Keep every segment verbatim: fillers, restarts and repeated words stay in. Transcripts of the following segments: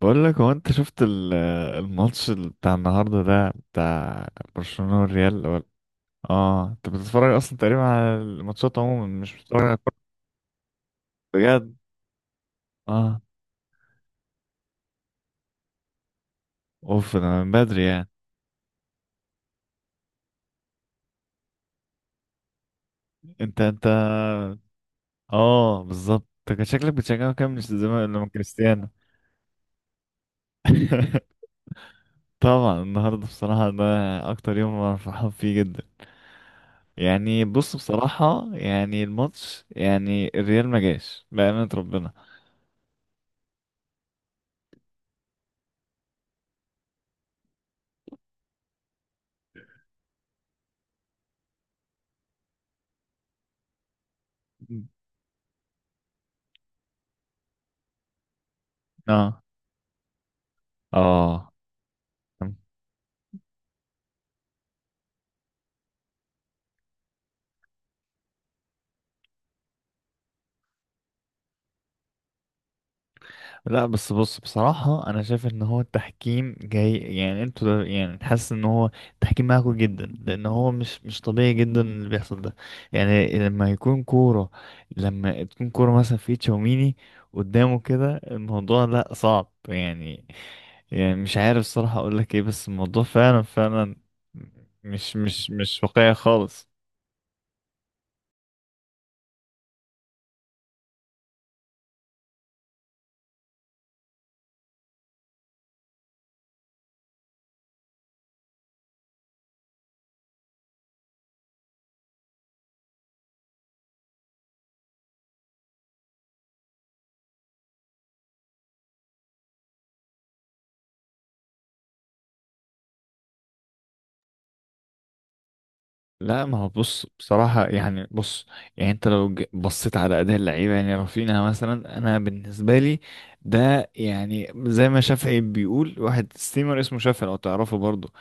بقول لك، هو انت شفت ال- الماتش ال- بتاع النهارده، ده بتاع برشلونة والريال، ولا؟ اه، انت بتتفرج اصلا تقريبا على الماتشات، عموما مش بتتفرج على الكورة؟ بجد؟ اه، اوف انا من بدري يعني. انت انت اه، بالظبط. انت كان شكلك بتشجعه، كام مش زمان لما كريستيانو... طبعا النهارده بصراحة، ده أكتر يوم أنا فرحان فيه جدا. يعني بص، بصراحة يعني الماتش، يعني الريال ما جاش، بأمانة ربنا. اه، اه. لا بس بص، بصراحة أنا شايف إن هو التحكيم جاي، يعني أنتوا ده- يعني حاسس إن هو التحكيم معاكوا جدا، لأن هو مش مش طبيعي جدا اللي بيحصل ده. يعني لما يكون كورة لما تكون كورة مثلا في تشاوميني قدامه كده، الموضوع لا صعب يعني. يعني مش عارف صراحة أقولك إيه، بس الموضوع فعلا فعلا مش مش مش واقعي خالص. لا، ما هو بص، بصراحة يعني بص. يعني انت لو ج- بصيت على أداء اللعيبة، يعني رافينها مثلا، أنا بالنسبة لي ده، يعني زي ما شافعي بيقول، واحد ستيمر اسمه شافعي لو تعرفه برضه،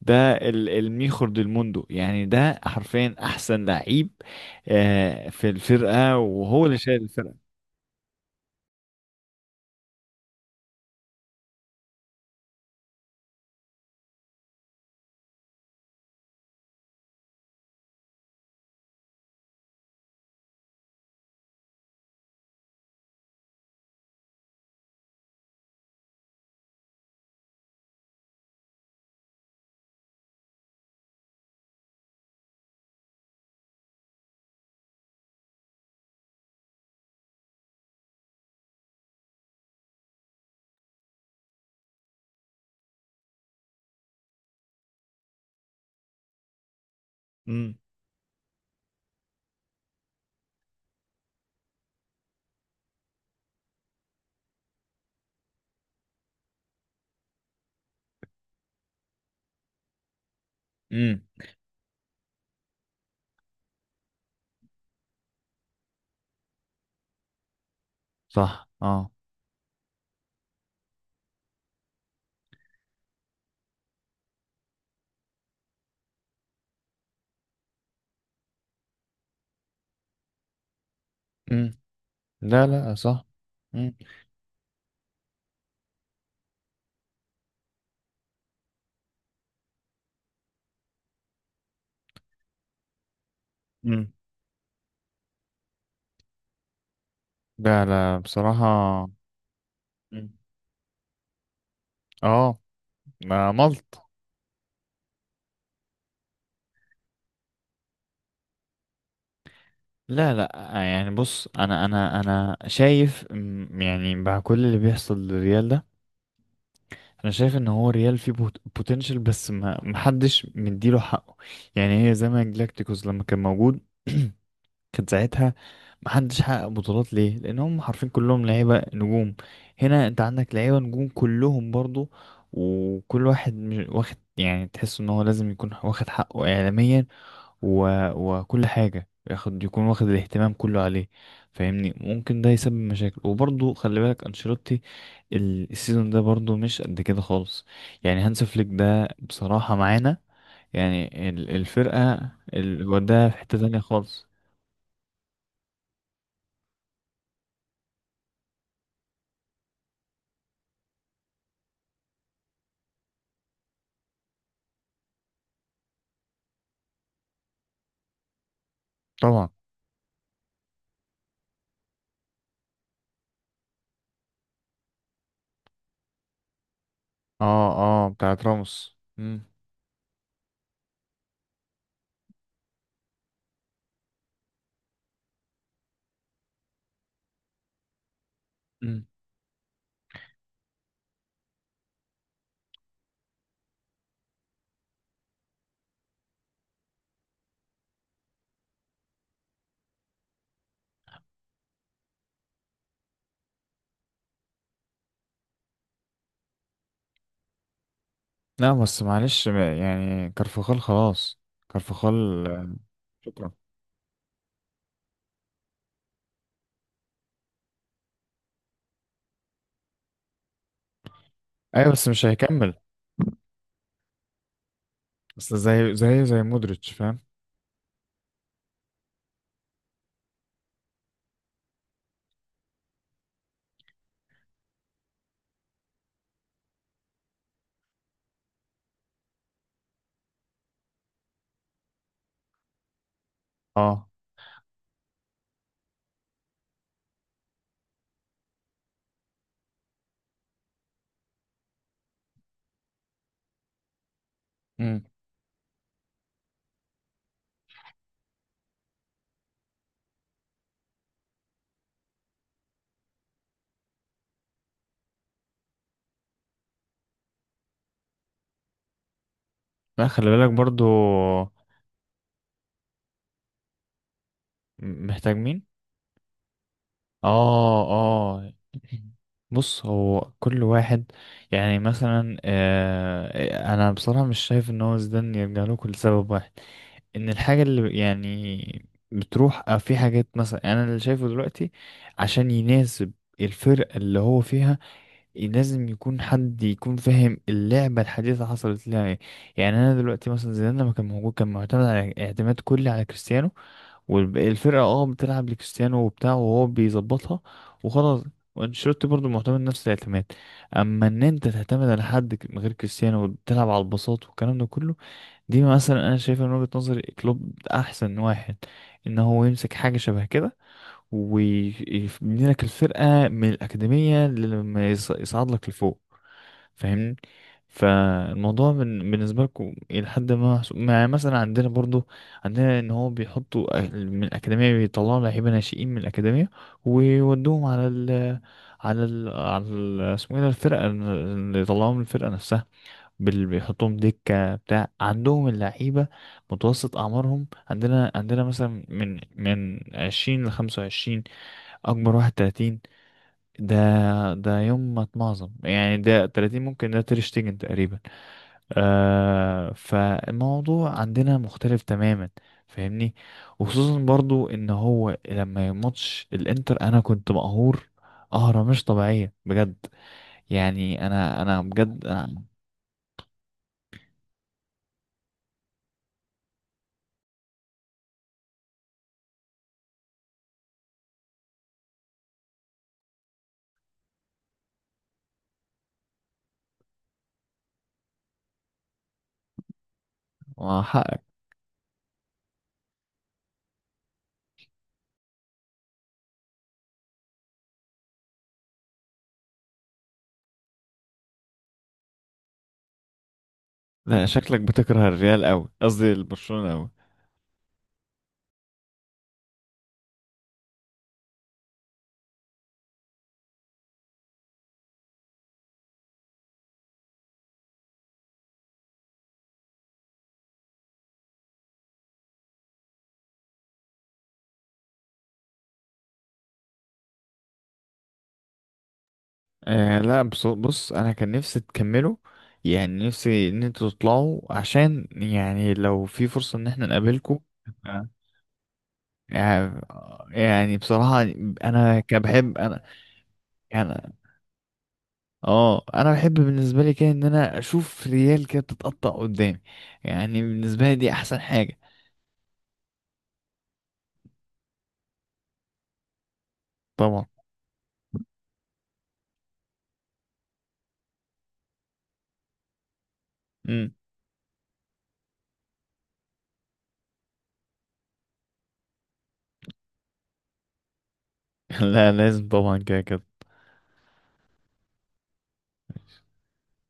ده ال- الميخور ديل موندو، يعني ده حرفيا أحسن لعيب آه في الفرقة، وهو اللي شايل الفرقة. امم. امم. صح، اه. مم. لا لا، صح. امم. امم. لا لا، بصراحة. امم. اه. ما ملط. لا لا، آه، يعني بص. انا انا انا شايف م- يعني مع كل اللي بيحصل للريال ده، انا شايف ان هو ريال فيه بوتنشال، بس ما محدش مديله حقه. يعني هي زي ما جلاكتيكوس لما كان موجود، كان ساعتها محدش حقق بطولات ليه، لان هم حرفيا كلهم لعيبه نجوم. هنا انت عندك لعيبه نجوم كلهم برضو، وكل واحد مش- واخد، يعني تحس ان هو لازم يكون واخد حقه اعلاميا و... وكل حاجه ياخد، يكون واخد الاهتمام كله عليه. فاهمني، ممكن ده يسبب مشاكل. وبرضو خلي بالك انشيلوتي، ال- السيزون ده برضو مش قد كده خالص. يعني هانس فليك ده بصراحه معانا، يعني ال- الفرقه ال- وداها في حته تانية خالص. طبعا. اه، اه. بتاعت راموس. مم. مم. لا بس معلش بقى، يعني كارفخال خلاص. كارفخال، آه. شكرا. ايوه بس مش هيكمل. اصل زي زي زي مودريتش، فاهم؟ اه. امم. لا، خلي بالك برضو. محتاج مين؟ اه، اه. بص، هو كل واحد، يعني مثلا آه انا بصراحة مش شايف ان هو زيدان يرجع له كل سبب واحد، ان الحاجة اللي يعني بتروح، آه، في حاجات مثلا، يعني انا اللي شايفه دلوقتي، عشان يناسب الفرقة اللي هو فيها، لازم يكون حد يكون فاهم اللعبة الحديثة حصلت لها ايه. يعني انا دلوقتي مثلا زيدان لما كان موجود كان معتمد، على اعتماد كلي على كريستيانو. والفرقة اه بتلعب لكريستيانو وبتاع، وهو بيظبطها وخلاص. وانشيلوتي برضه معتمد نفس الاعتماد. اما ان انت تعتمد على حد ك- من غير كريستيانو، وبتلعب على البساط والكلام ده كله، دي مثلا انا شايفها من وجهة نظري. كلوب احسن واحد، ان هو يمسك حاجة شبه كده ويبني لك الفرقة من الأكاديمية، لما يص- يصعد لك لفوق. فاهمني، فالموضوع بن- بالنسبة لكم إلى حد ما محسوب. مع مثلا، عندنا برضو، عندنا إن هو بيحطوا أه- من الأكاديمية، بيطلعوا لعيبة ناشئين من الأكاديمية ويودوهم على ال، على ال على ال اسمه ايه ده، الفرقة اللي يطلعوهم من الفرقة نفسها. بال- بيحطوهم دكة بتاع عندهم اللعيبة. متوسط أعمارهم عندنا، عندنا مثلا من من عشرين لخمسة وعشرين، أكبر واحد تلاتين. ده ده يوم ما اتمعظم يعني. ده تلاتين، ممكن ده تير شتيجن تقريبا. آه، فالموضوع عندنا مختلف تماما، فاهمني. وخصوصا برضو ان هو لما ماتش الانتر، انا كنت مقهور، قهرة مش طبيعية بجد. يعني انا انا بجد. أنا... لا، شكلك بتكره الريال قوي، قصدي البرشلونة قوي. آه لا بص، بص انا كان نفسي تكملوا. يعني نفسي ان انتوا تطلعوا، عشان يعني لو في فرصة ان احنا نقابلكم. آه. يعني يعني بصراحة، انا كبحب انا، يعني اه انا بحب بالنسبة لي كده ان انا اشوف ريال كده بتتقطع قدامي. يعني بالنسبة لي دي احسن حاجة. طبعا. مم. لا لازم، طبعا كده كده.